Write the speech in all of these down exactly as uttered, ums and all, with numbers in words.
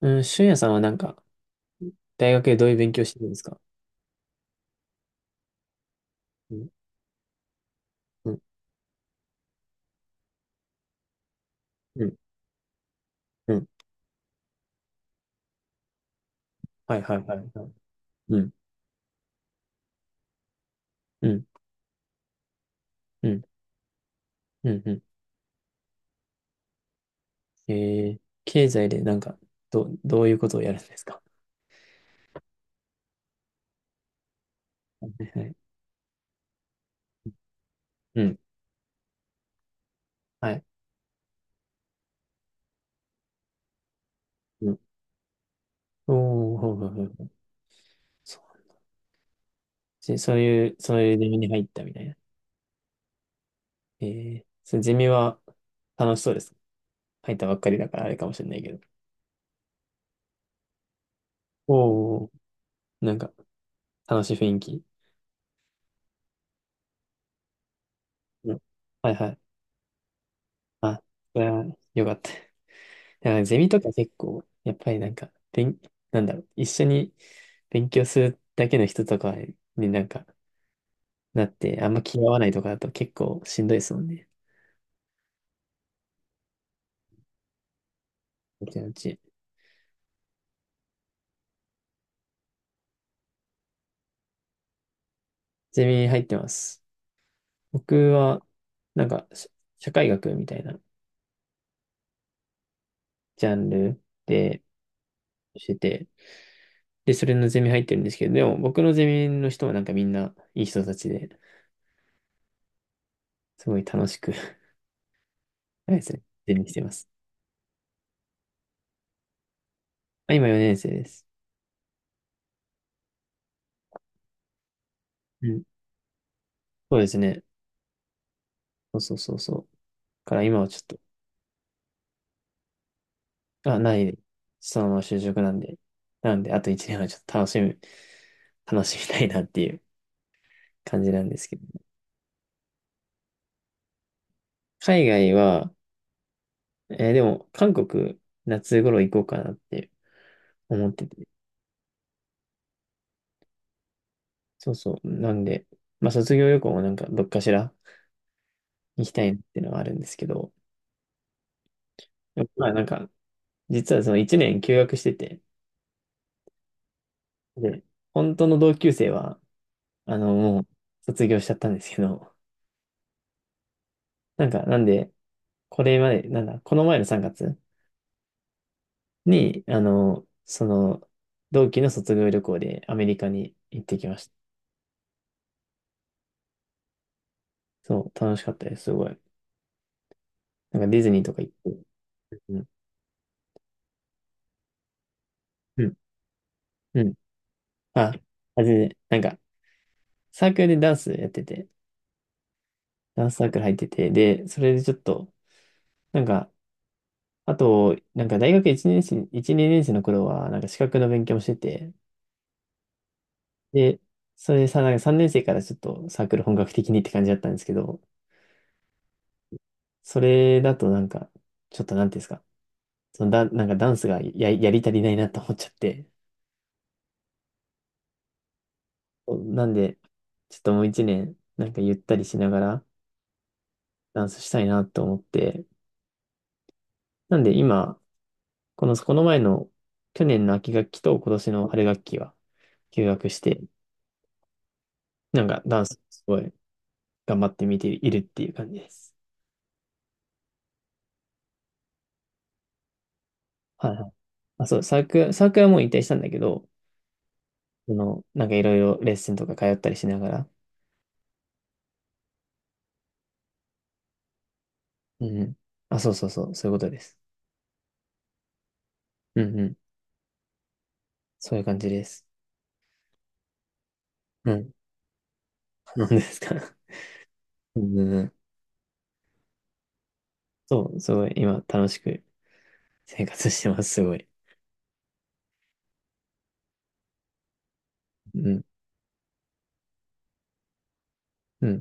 うん、俊也さんはなんか、大学でどういう勉強してるんですか？うん、うん、うん、うん。はいはいはいはい。うん、うん、うん、うん、うん。えー、経済でなんか、ど、どういうことをやるんですか？はいはい。うん、はい。うん。おー、ほうほうほうほう。そう。じそういう、そういうゼミに入ったみたいな。えー、そのゼミは楽しそうです。入ったばっかりだからあれかもしれないけど。おー、なんか、楽しい雰囲気。うん。はいはい。あ、それは良かった。だからゼミとか結構、やっぱりなんか、勉、なんだろう、一緒に勉強するだけの人とかになんか、なって、あんま気が合わないとかだと結構しんどいですもんね。うちのうち。ゼミ入ってます。僕は、なんか、し社会学みたいなジャンルでしてて、で、それのゼミ入ってるんですけど、でも僕のゼミの人はなんかみんないい人たちで、すごい楽しく あれですね、ゼミしてます。あ今よねん生です。うん。そうですね。そうそうそうそう。から今はちょっと、あ、ない。そのまま就職なんで。なんで、あといちねんはちょっと楽しみ、楽しみたいなっていう感じなんですけど。海外は、えーでも、韓国、夏頃行こうかなって思ってて。そうそう。なんで、まあ、卒業旅行もなんか、どっかしら行きたいなっていうのはあるんですけど、でもまあ、なんか、実はそのいちねん休学してて、で、本当の同級生は、あの、もう、卒業しちゃったんですけど、なんか、なんで、これまで、なんだ、この前のさんがつに、あの、その、同期の卒業旅行でアメリカに行ってきました。そう、楽しかったです、すごい。なんかディズニーとか行って。うん、うん、うん。あ、あ、全然、なんか、サークルでダンスやってて、ダンスサークル入ってて、で、それでちょっと、なんか、あと、なんか大学いちねん生、いち、にねん生の頃は、なんか資格の勉強もしてて、で、それでさ、なんかさんねん生からちょっとサークル本格的にって感じだったんですけど、それだとなんか、ちょっとなんていうんですか、そのだ、なんかダンスがや、やり足りないなと思っちゃって。なんで、ちょっともう一年、なんかゆったりしながらダンスしたいなと思って。なんで今、この、この前の去年の秋学期と今年の春学期は休学して、なんかダンスすごい頑張って見ているっていう感じです。はいはい。あ、そう、サークル、サークルはもう引退したんだけど、その、なんかいろいろレッスンとか通ったりしながら。うんうん。あ、そうそうそう、そういうことです。うんうん。そういう感じです。うん。なんですか？うん。そう、すごい、今、楽しく生活してます、すごい。うん、うん。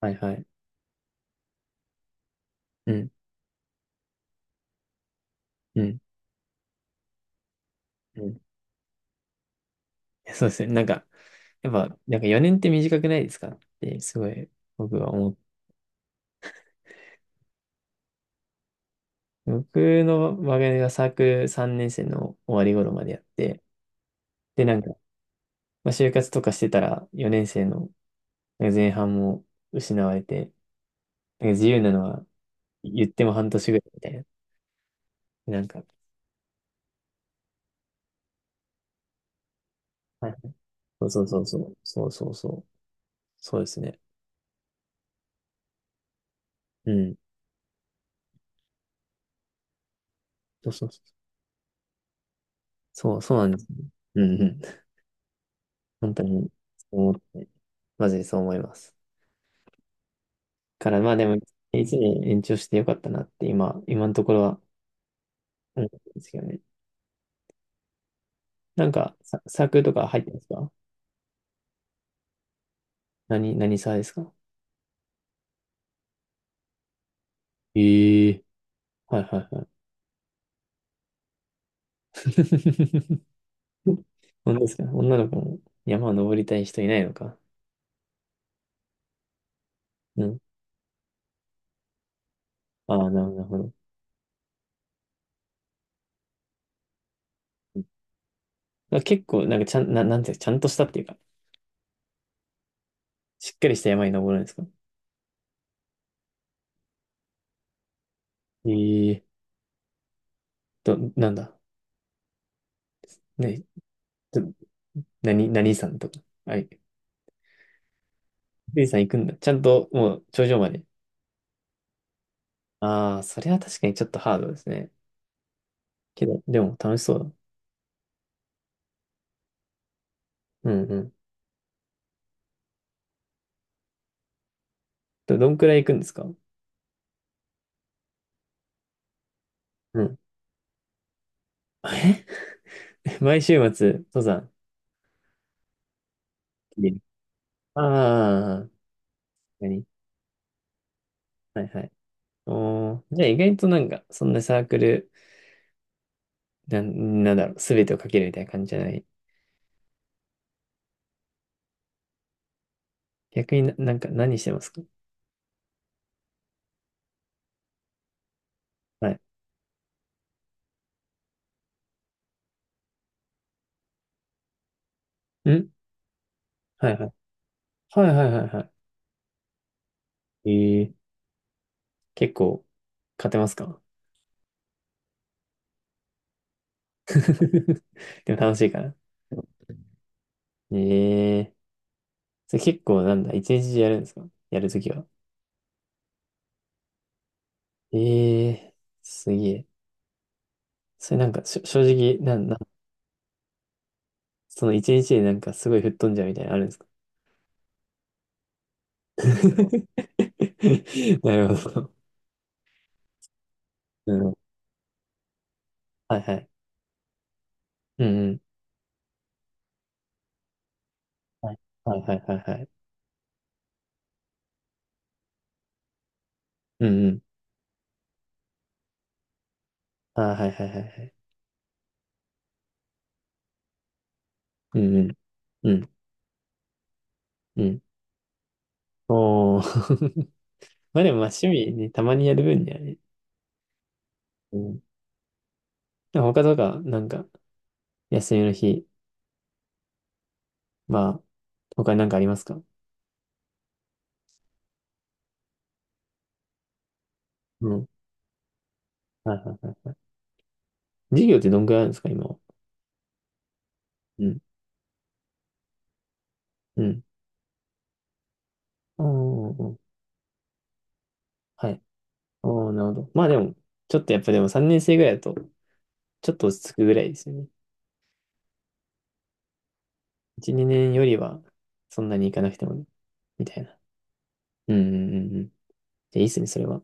はいはい。うん、うん、うん。いやそうですね。なんか、やっぱ、なんかよねんって短くないですかって、すごい、僕は思って。僕の場合がサークルさんねん生の終わり頃までやって、で、なんか、まあ、就活とかしてたら、よねん生のなんか前半も失われて、なんか自由なのは言っても半年ぐらいみたいな。なんか、はいはいそうそうそうそう、そうそうそう、そうですね。うんそうそうそう。そう、そうなんですね。うんうん。本当に、そう思って、マジでそう思います。から、まあでも、一年延長してよかったなって、今、今のところは思ってるんですけどね。なんか、さ、サークルとか入ってますか？何、何サーですか？ええはいはいはい。本当ですか？女の子も山を登りたい人いないのか。うん。ああ、なるほど。なるほど。結構、なんかちゃん、な、なんていうか、ちゃんとしたっていうか、しっかりした山に登るんですか？ええと、どなんだ。ね、ちょっと何、何さんとか。はい。リさん行くんだ。ちゃんともう頂上まで。ああ、それは確かにちょっとハードですね。けど、でも楽しそうだ。うんうん。ど、どんくらい行くんですか？うん。毎週末、登山。ああ、何はいはい。おー、じゃあ意外となんか、そんなサークル、なん、なんだろう、すべてをかけるみたいな感じじゃない。逆にな、なんか何してますか？はい。んはいはい。はいはいはいはい。えー、結構、勝てますか？ でも楽しいから。ええそれ結構なんだ、一日中やるんですか？やるときは。ええすげえ。それなんか、しょ正直、なん、なん、その一日でなんかすごい吹っ飛んじゃうみたいなのあるんですか？ なるほど。うん。はいはい。うんうん。はいはいはいはいはい。うんうん。あーはいはいはいはい。うんうん。うん。うん。おー。まあでもまあ趣味ね、たまにやる分にはね。うん。でも他とか、なんか、休みの日、まあ、他に何かありますか？うん。はいはいはい。授業ってどんくらいあるんですか、今は。うん。うん。おー、はい。おー、なるほど。まあでも、ちょっとやっぱでもさんねん生ぐらいだと、ちょっと落ち着くぐらいですよね。いち、にねんよりは、そんなにいかなくても、みたいな。うんうんうんうん。で、いいっすね、それは。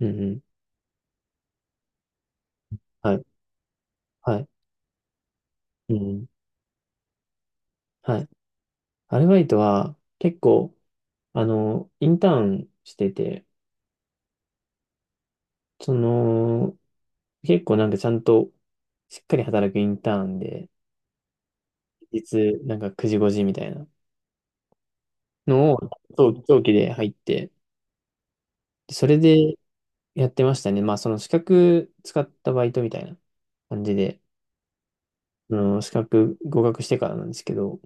うんうん。はい。はい。うんうん。はい。アルバイトは、結構、あの、インターンしてて、その、結構なんかちゃんと、しっかり働くインターンで、日、なんかくじごじみたいなのを、長長期で入って、でそれでやってましたね。まあ、その資格使ったバイトみたいな感じで、あの資格合格してからなんですけど、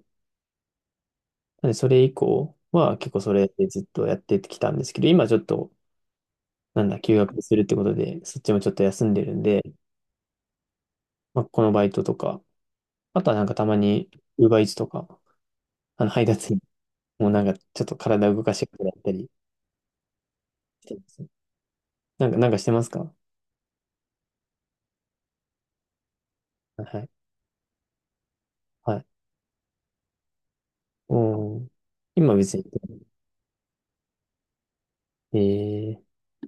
なんでそれ以降は結構それでずっとやってきたんですけど、今ちょっと、なんだ、休学するってことで、そっちもちょっと休んでるんで、まあ、このバイトとか、あとはなんかたまに、ウーバーイーツとか、あの配達員もうなんかちょっと体動かしてくれたりしてます。なんか、なんかしてますか？はい。はいうん今別に、え